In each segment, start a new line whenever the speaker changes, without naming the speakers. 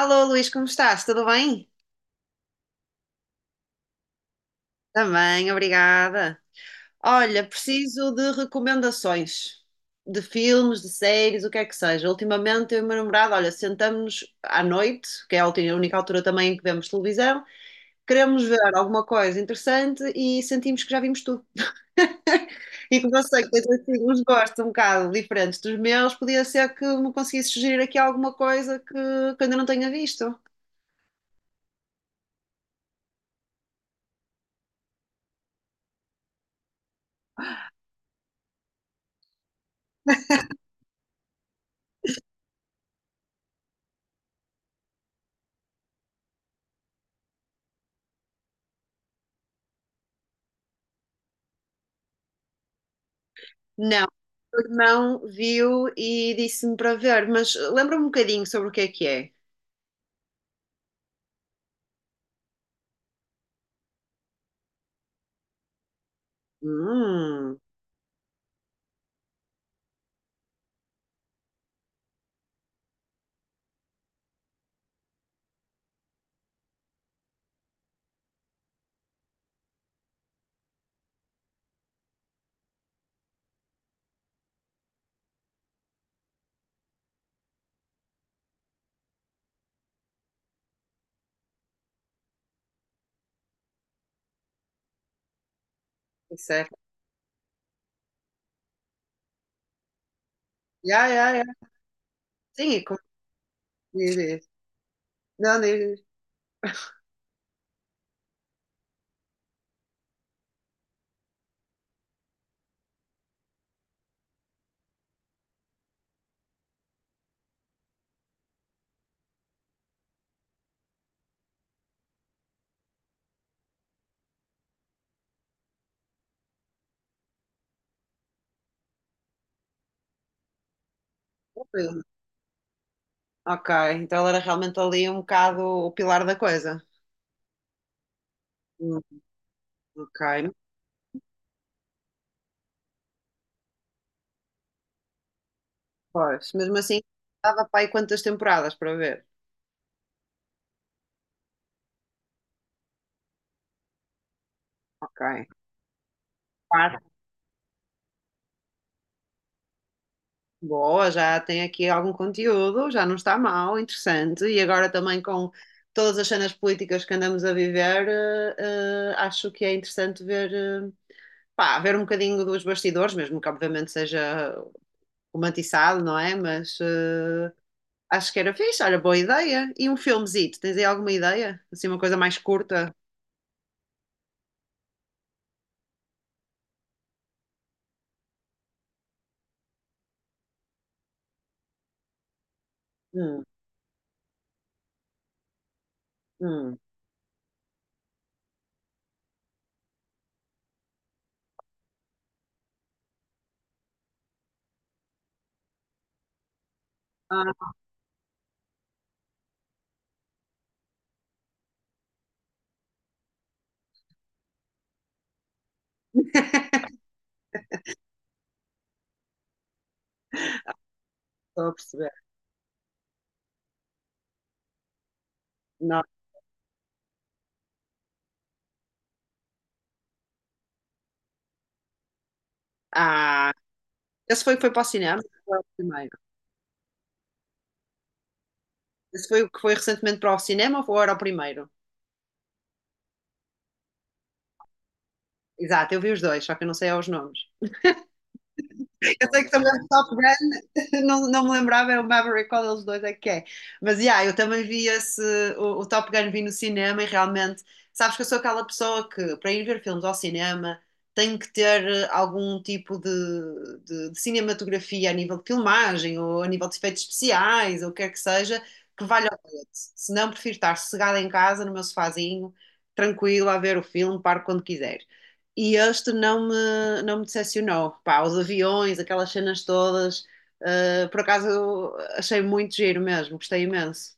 Alô, Luís, como estás? Tudo bem? Também, obrigada. Olha, preciso de recomendações de filmes, de séries, o que é que seja. Ultimamente, eu e o meu namorado, olha, sentamos-nos à noite, que é a única altura também em que vemos televisão, queremos ver alguma coisa interessante e sentimos que já vimos tudo. E como eu sei que tens assim uns gostos um bocado diferentes dos meus, podia ser que me conseguisse sugerir aqui alguma coisa que ainda não tenha visto. Não, o irmão viu e disse-me para ver, mas lembra-me um bocadinho sobre o que é que é. Hum, isso é. Yeah, yeah, yeah. Sim, e como diz isso? Não, diz isso. Ok, então ele era realmente ali um bocado o pilar da coisa. Hum. Ok, pois, mesmo assim, dava para aí quantas temporadas para ver? Ok, quatro. Boa, já tem aqui algum conteúdo, já não está mal, interessante. E agora também com todas as cenas políticas que andamos a viver, acho que é interessante ver, pá, ver um bocadinho dos bastidores, mesmo que obviamente seja romantizado, não é? Mas acho que era fixe, olha, boa ideia. E um filmezito, tens aí alguma ideia? Assim, uma coisa mais curta? Hum, hum. Ah, estou a perceber. Não. Ah, esse foi para o cinema? Foi o primeiro. Esse foi o que foi recentemente para o cinema ou era o primeiro? Exato, eu vi os dois, só que eu não sei aos nomes. Eu sei que também o Top Gun não, não me lembrava, é o Maverick, qual deles dois é que é. Mas, yeah, eu também vi esse, o Top Gun vi no cinema e realmente, sabes que eu sou aquela pessoa que, para ir ver filmes ao cinema, tem que ter algum tipo de cinematografia a nível de filmagem ou a nível de efeitos especiais ou o que quer que seja, que valha o bilhete. Se não, prefiro estar sossegada em casa, no meu sofazinho, tranquila, a ver o filme, paro quando quiser. E este não me decepcionou. Pá, os aviões, aquelas cenas todas, por acaso achei muito giro mesmo, gostei imenso.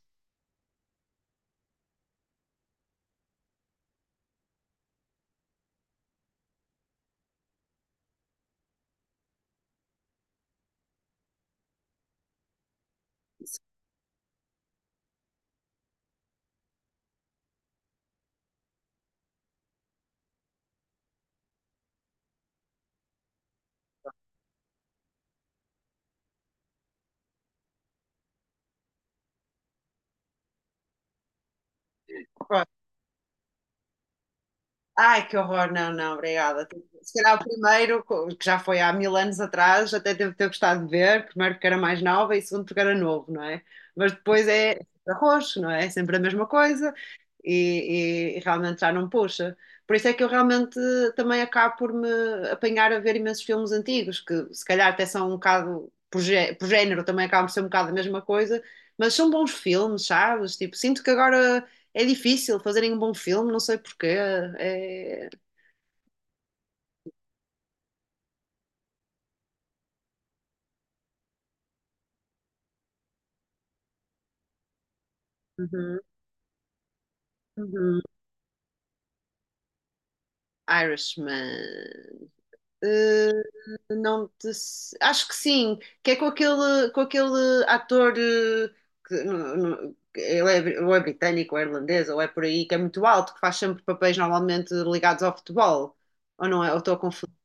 Ai, que horror, não, não, obrigada. Se calhar o primeiro, que já foi há mil anos atrás, até devo ter gostado de ver, primeiro porque era mais nova e segundo porque era novo, não é? Mas depois é sempre arroz, não é? É sempre a mesma coisa e realmente já não puxa. Por isso é que eu realmente também acabo por me apanhar a ver imensos filmes antigos, que se calhar até são um bocado, por género, também acabam por ser um bocado a mesma coisa, mas são bons filmes, sabes? Tipo, sinto que agora é difícil fazerem um bom filme, não sei porquê. É. Uhum, uhum. Irishman. Uh, não te... se- Acho que sim, que é com aquele ator que não- não- que ele é, ou é britânico, ou é irlandês, ou é por aí, que é muito alto, que faz sempre papéis normalmente ligados ao futebol. Ou não é? Ou estou a confundir.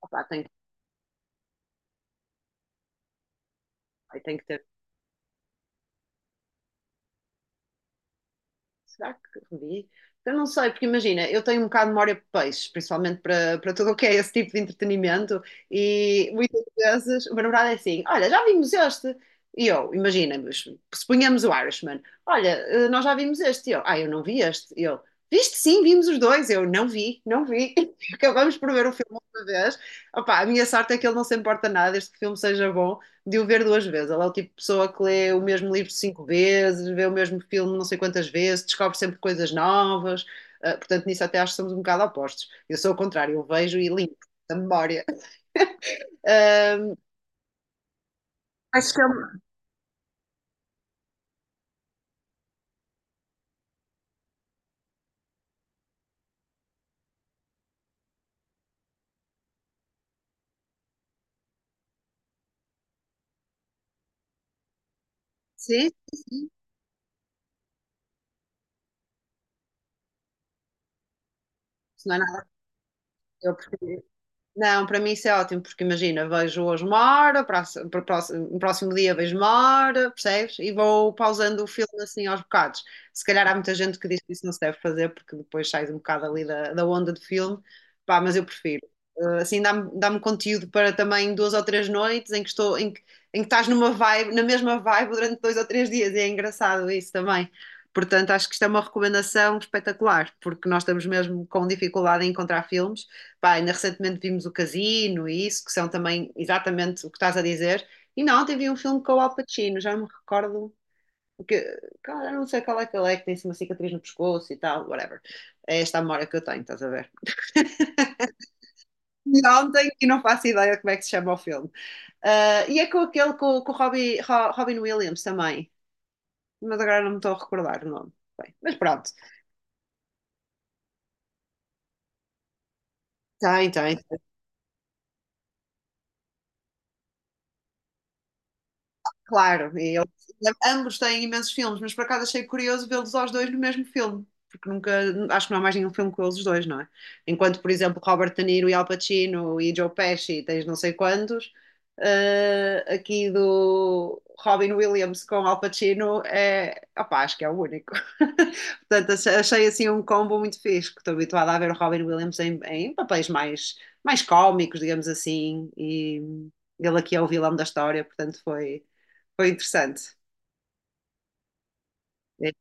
Opa, ai, tenho que ter. Será que revi? Eu não sei, porque imagina, eu tenho um bocado de memória de peixe, principalmente para tudo o que é esse tipo de entretenimento, e muitas vezes o meu namorado é assim: olha, já vimos este. E eu, imagina, mas suponhamos o Irishman: olha, nós já vimos este. E eu, ah, eu não vi este. E eu, viste sim, vimos os dois. Eu, não vi, não vi. Acabamos por ver o filme outra vez. Opa, a minha sorte é que ele não se importa nada, este filme seja bom de o ver duas vezes. Ela é o tipo de pessoa que lê o mesmo livro cinco vezes, vê o mesmo filme não sei quantas vezes, descobre sempre coisas novas. Portanto, nisso até acho que somos um bocado opostos. Eu sou o contrário, eu vejo e limpo da memória. Uh, sim, sim, sim. Isso não é nada. Eu prefiro. Não, para mim isso é ótimo, porque imagina, vejo hoje 1 hora, próximo dia vejo 1 hora, percebes? E vou pausando o filme assim aos bocados. Se calhar há muita gente que diz que isso não se deve fazer, porque depois sai um bocado ali da onda do filme, pá, mas eu prefiro. Assim dá-me conteúdo para também 2 ou 3 noites em que estou, em que estás numa vibe, na mesma vibe durante 2 ou 3 dias, e é engraçado isso também. Portanto, acho que isto é uma recomendação espetacular, porque nós estamos mesmo com dificuldade em encontrar filmes. Pá, ainda recentemente vimos o Casino e isso, que são também exatamente o que estás a dizer. E não, ontem vi um filme com o Al Pacino, já não me recordo. Porque, cara, eu não sei qual é que ele é, que tem assim uma cicatriz no pescoço e tal, whatever. É esta a memória que eu tenho, estás a ver? E ontem, e não faço ideia como é que se chama o filme. Ah, e é com aquele, com o Robbie, Robin Williams também, mas agora não me estou a recordar o nome. Bem, mas pronto, tem, tem, claro, e ambos têm imensos filmes, mas por acaso achei curioso vê-los aos dois no mesmo filme, porque nunca, acho que não há mais nenhum filme com eles os dois, não é? Enquanto, por exemplo, Robert De Niro e Al Pacino e Joe Pesci, tens não sei quantos, aqui do Robin Williams com Al Pacino é, opá, acho que é o único. Portanto, assim um combo muito fixe, que estou habituada a ver o Robin Williams em, em papéis mais cómicos, digamos assim, e ele aqui é o vilão da história, portanto foi interessante. É.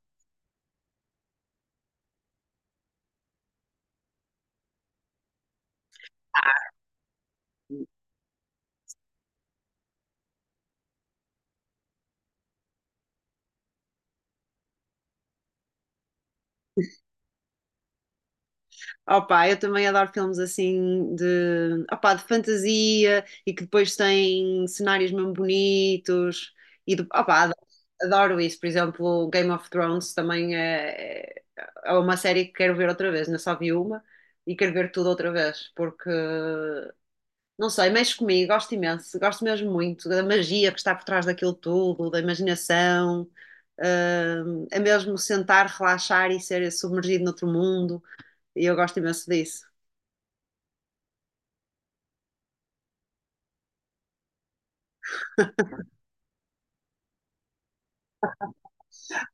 Opa, eu também adoro filmes assim de, opa, de fantasia e que depois têm cenários mesmo bonitos e de, opa, adoro, adoro isso. Por exemplo, Game of Thrones também é uma série que quero ver outra vez, não só vi uma e quero ver tudo outra vez porque não sei, mexe comigo, gosto imenso, gosto mesmo muito da magia que está por trás daquilo tudo, da imaginação, é mesmo sentar, relaxar e ser submergido noutro mundo, e eu gosto imenso disso.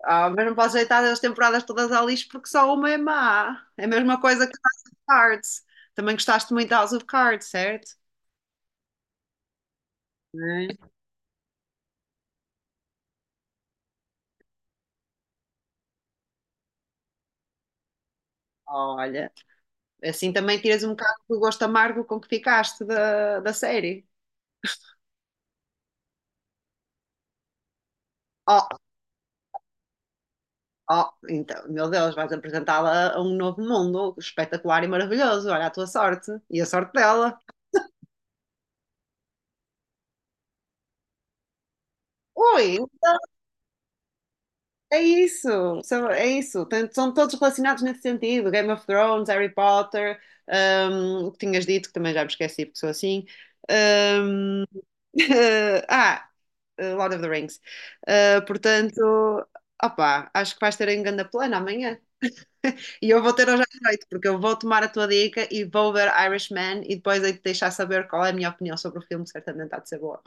Ah, mas não posso deitar as temporadas todas ao lixo porque só uma é má. É a mesma coisa que House of Cards. Também gostaste muito de House of Cards, certo? Né? Olha, assim também tiras um bocado do gosto amargo com que ficaste da série. Oh. Oh, então, meu Deus, vais apresentá-la a um novo mundo espetacular e maravilhoso. Olha a tua sorte e a sorte dela. Ui, é isso, é isso. São todos relacionados nesse sentido: Game of Thrones, Harry Potter, o que tinhas dito, que também já me esqueci porque sou assim. Hum. ah, Lord of the Rings. Ah, portanto, opá, acho que vais ter um grande plano amanhã. E eu vou ter hoje à noite, porque eu vou tomar a tua dica e vou ver Irishman e depois aí te deixar saber qual é a minha opinião sobre o filme, que certamente há de ser boa.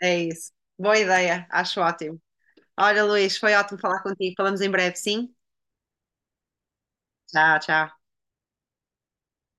É isso. Boa ideia, acho ótimo. Olha, Luís, foi ótimo falar contigo. Falamos em breve, sim? Tchau, tchau.